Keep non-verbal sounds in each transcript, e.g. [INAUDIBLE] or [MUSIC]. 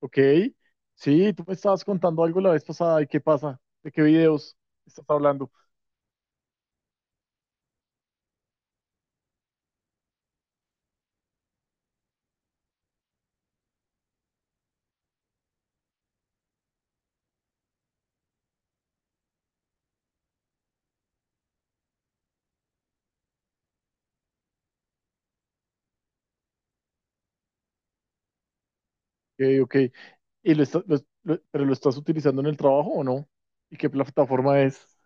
Ok, sí, tú me estabas contando algo la vez pasada. ¿Y qué pasa? ¿De qué videos estás hablando? Ok, ok, ¿y lo pero lo estás utilizando en el trabajo o no? ¿Y qué plataforma es?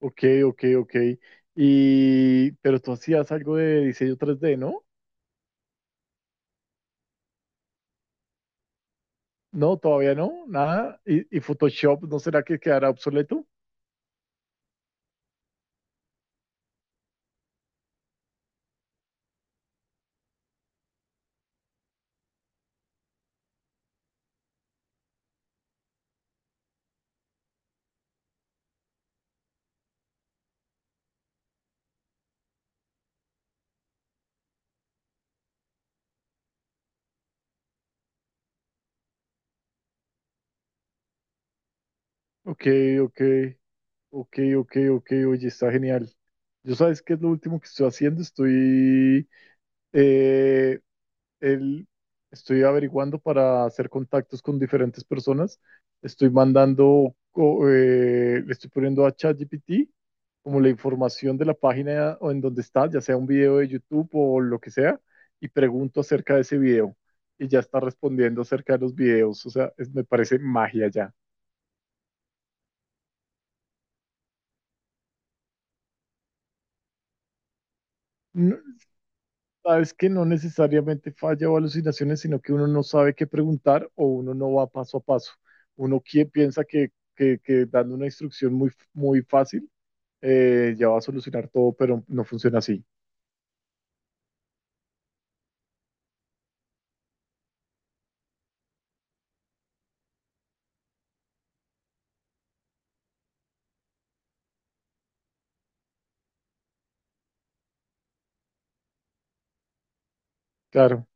Ok, ok, ok, y pero tú hacías algo de diseño 3D, ¿no? No, todavía no, nada. ¿Y, ¿y Photoshop no será que quedará obsoleto? Ok, ok, ok, ok, ok, oye, está genial. Yo, sabes qué es lo último que estoy haciendo, estoy... eh, el- estoy averiguando para hacer contactos con diferentes personas. Estoy le estoy poniendo a ChatGPT como la información de la página o en donde está, ya sea un video de YouTube o lo que sea, y pregunto acerca de ese video. Y ya está respondiendo acerca de los videos. O sea, me parece magia ya. Sabes que no necesariamente falla o alucinaciones, sino que uno no sabe qué preguntar o uno no va paso a paso. Piensa que dando una instrucción muy, muy fácil, ya va a solucionar todo, pero no funciona así. Claro,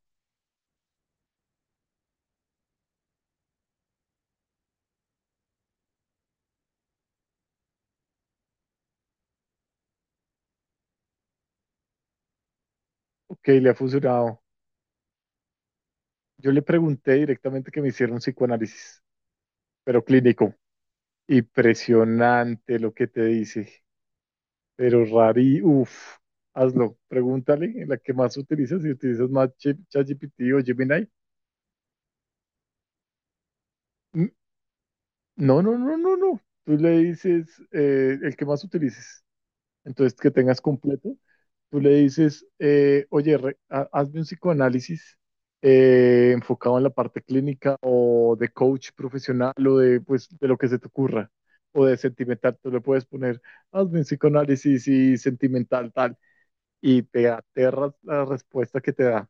ok, le ha funcionado. Yo le pregunté directamente que me hiciera un psicoanálisis, pero clínico. Impresionante lo que te dice, pero rari, uff, hazlo, pregúntale en la que más utilizas, si utilizas más ChatGPT o Gemini. mm, No, no, no, no, no. Tú le dices, el que más utilices. Entonces, que tengas completo. Tú le dices, oye, hazme un psicoanálisis, enfocado en la parte clínica o de coach profesional o de, pues, de lo que se te ocurra o de sentimental. Tú le puedes poner, hazme un psicoanálisis y sentimental tal. Y te aterras la respuesta que te da.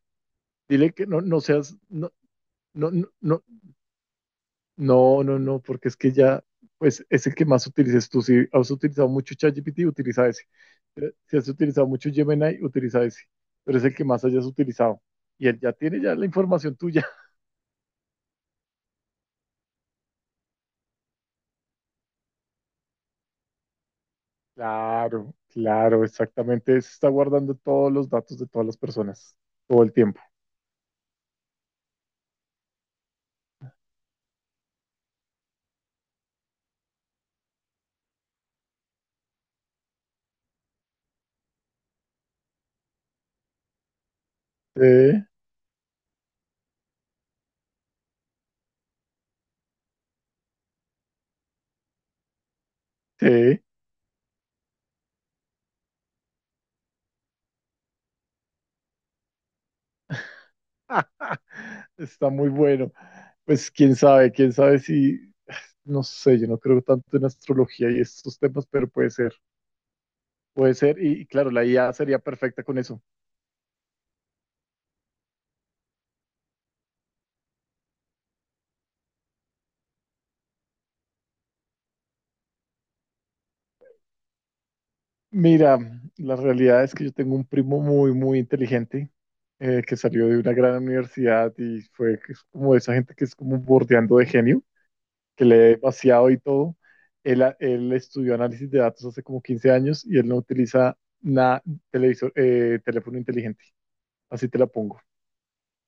Dile que no, no seas, no, no, no, no. No, no, no, porque es que ya, pues es el que más utilices tú. Si has utilizado mucho ChatGPT, utiliza ese. Si has utilizado mucho Gemini, utiliza ese. Pero es el que más hayas utilizado. Y él ya tiene ya la información tuya. [LAUGHS] Claro, claro, exactamente. Se está guardando todos los datos de todas las personas, todo el tiempo. Sí, sí. [LAUGHS] Está muy bueno. Pues quién sabe, quién sabe, no sé, yo no creo tanto en astrología y estos temas, pero puede ser. Puede ser, y claro, la IA sería perfecta con eso. Mira, la realidad es que yo tengo un primo muy, muy inteligente, que salió de una gran universidad y fue, que es como esa gente que es como bordeando de genio, que lee vaciado y todo. Él estudió análisis de datos hace como 15 años y él no utiliza nada, televisor, teléfono inteligente. Así te la pongo.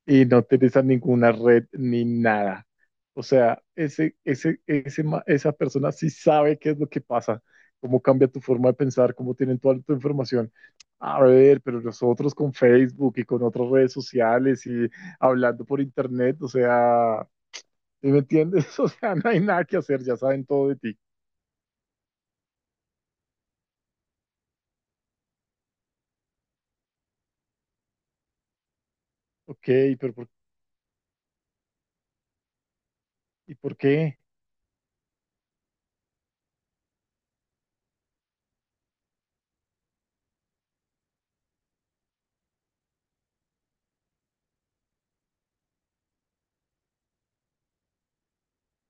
Y no utilizan ninguna red ni nada. O sea, esa persona sí sabe qué es lo que pasa, cómo cambia tu forma de pensar, cómo tienen toda tu información. A ver, pero nosotros con Facebook y con otras redes sociales y hablando por internet, o sea, ¿sí me entiendes? [LAUGHS] O sea, no hay nada que hacer, ya saben todo de ti. Ok, pero ¿y por qué?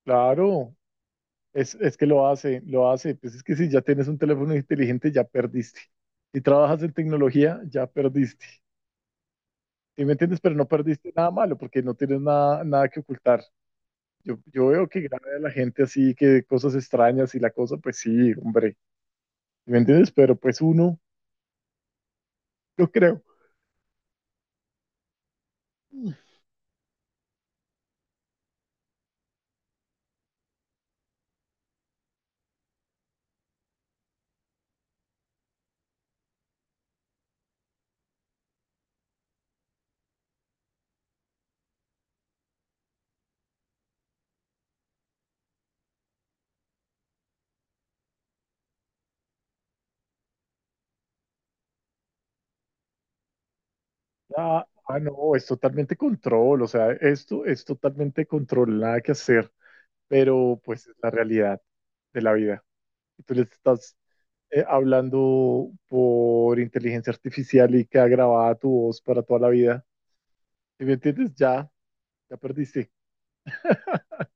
Claro. Es que lo hace, lo hace. Pues es que si ya tienes un teléfono inteligente, ya perdiste. Si trabajas en tecnología, ya perdiste. ¿Sí me entiendes? Pero no perdiste nada malo porque no tienes nada, nada que ocultar. Yo veo que grave a la gente así, que cosas extrañas y la cosa, pues sí, hombre. ¿Sí me entiendes? Pero pues uno, yo creo. Ah, ah, no, es totalmente control. O sea, esto es totalmente control, nada que hacer. Pero pues es la realidad de la vida. Y tú les estás, hablando por inteligencia artificial y queda grabada tu voz para toda la vida. ¿Sí me entiendes? Ya, ya perdiste. [LAUGHS]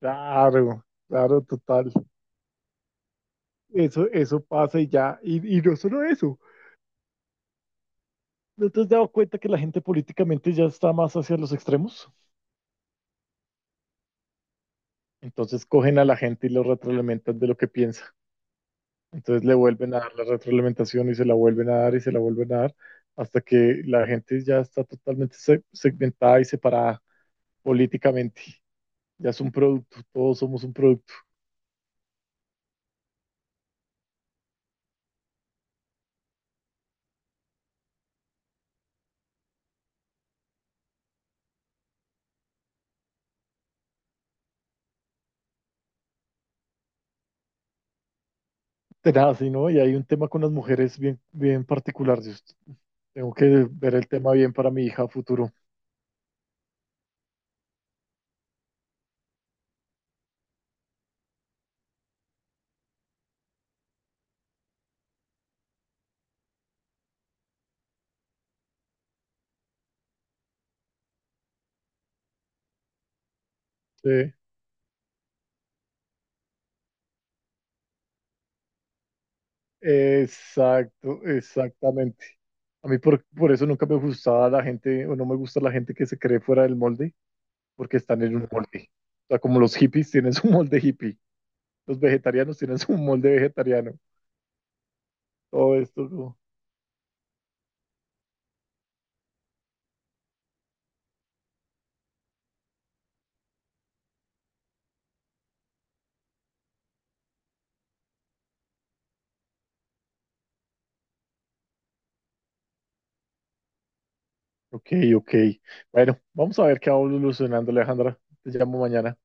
Claro, claro, total. Eso pasa y ya. Y no solo eso. ¿No te has dado cuenta que la gente políticamente ya está más hacia los extremos? Entonces cogen a la gente y lo retroalimentan de lo que piensa. Entonces le vuelven a dar la retroalimentación y se la vuelven a dar y se la vuelven a dar hasta que la gente ya está totalmente segmentada y separada políticamente. Ya es un producto, todos somos un producto. [LAUGHS] Tenaz, ¿sí?, ¿no? Y hay un tema con las mujeres bien, bien particular. Yo tengo que ver el tema bien para mi hija a futuro. Sí, exacto, exactamente. A mí por eso nunca me gustaba la gente, o no me gusta la gente que se cree fuera del molde, porque están en un molde. O sea, como los hippies tienen su molde hippie. Los vegetarianos tienen su molde vegetariano. Todo esto. Como, ok, ok. Bueno, vamos a ver qué va evolucionando, Alejandra. Te llamo mañana.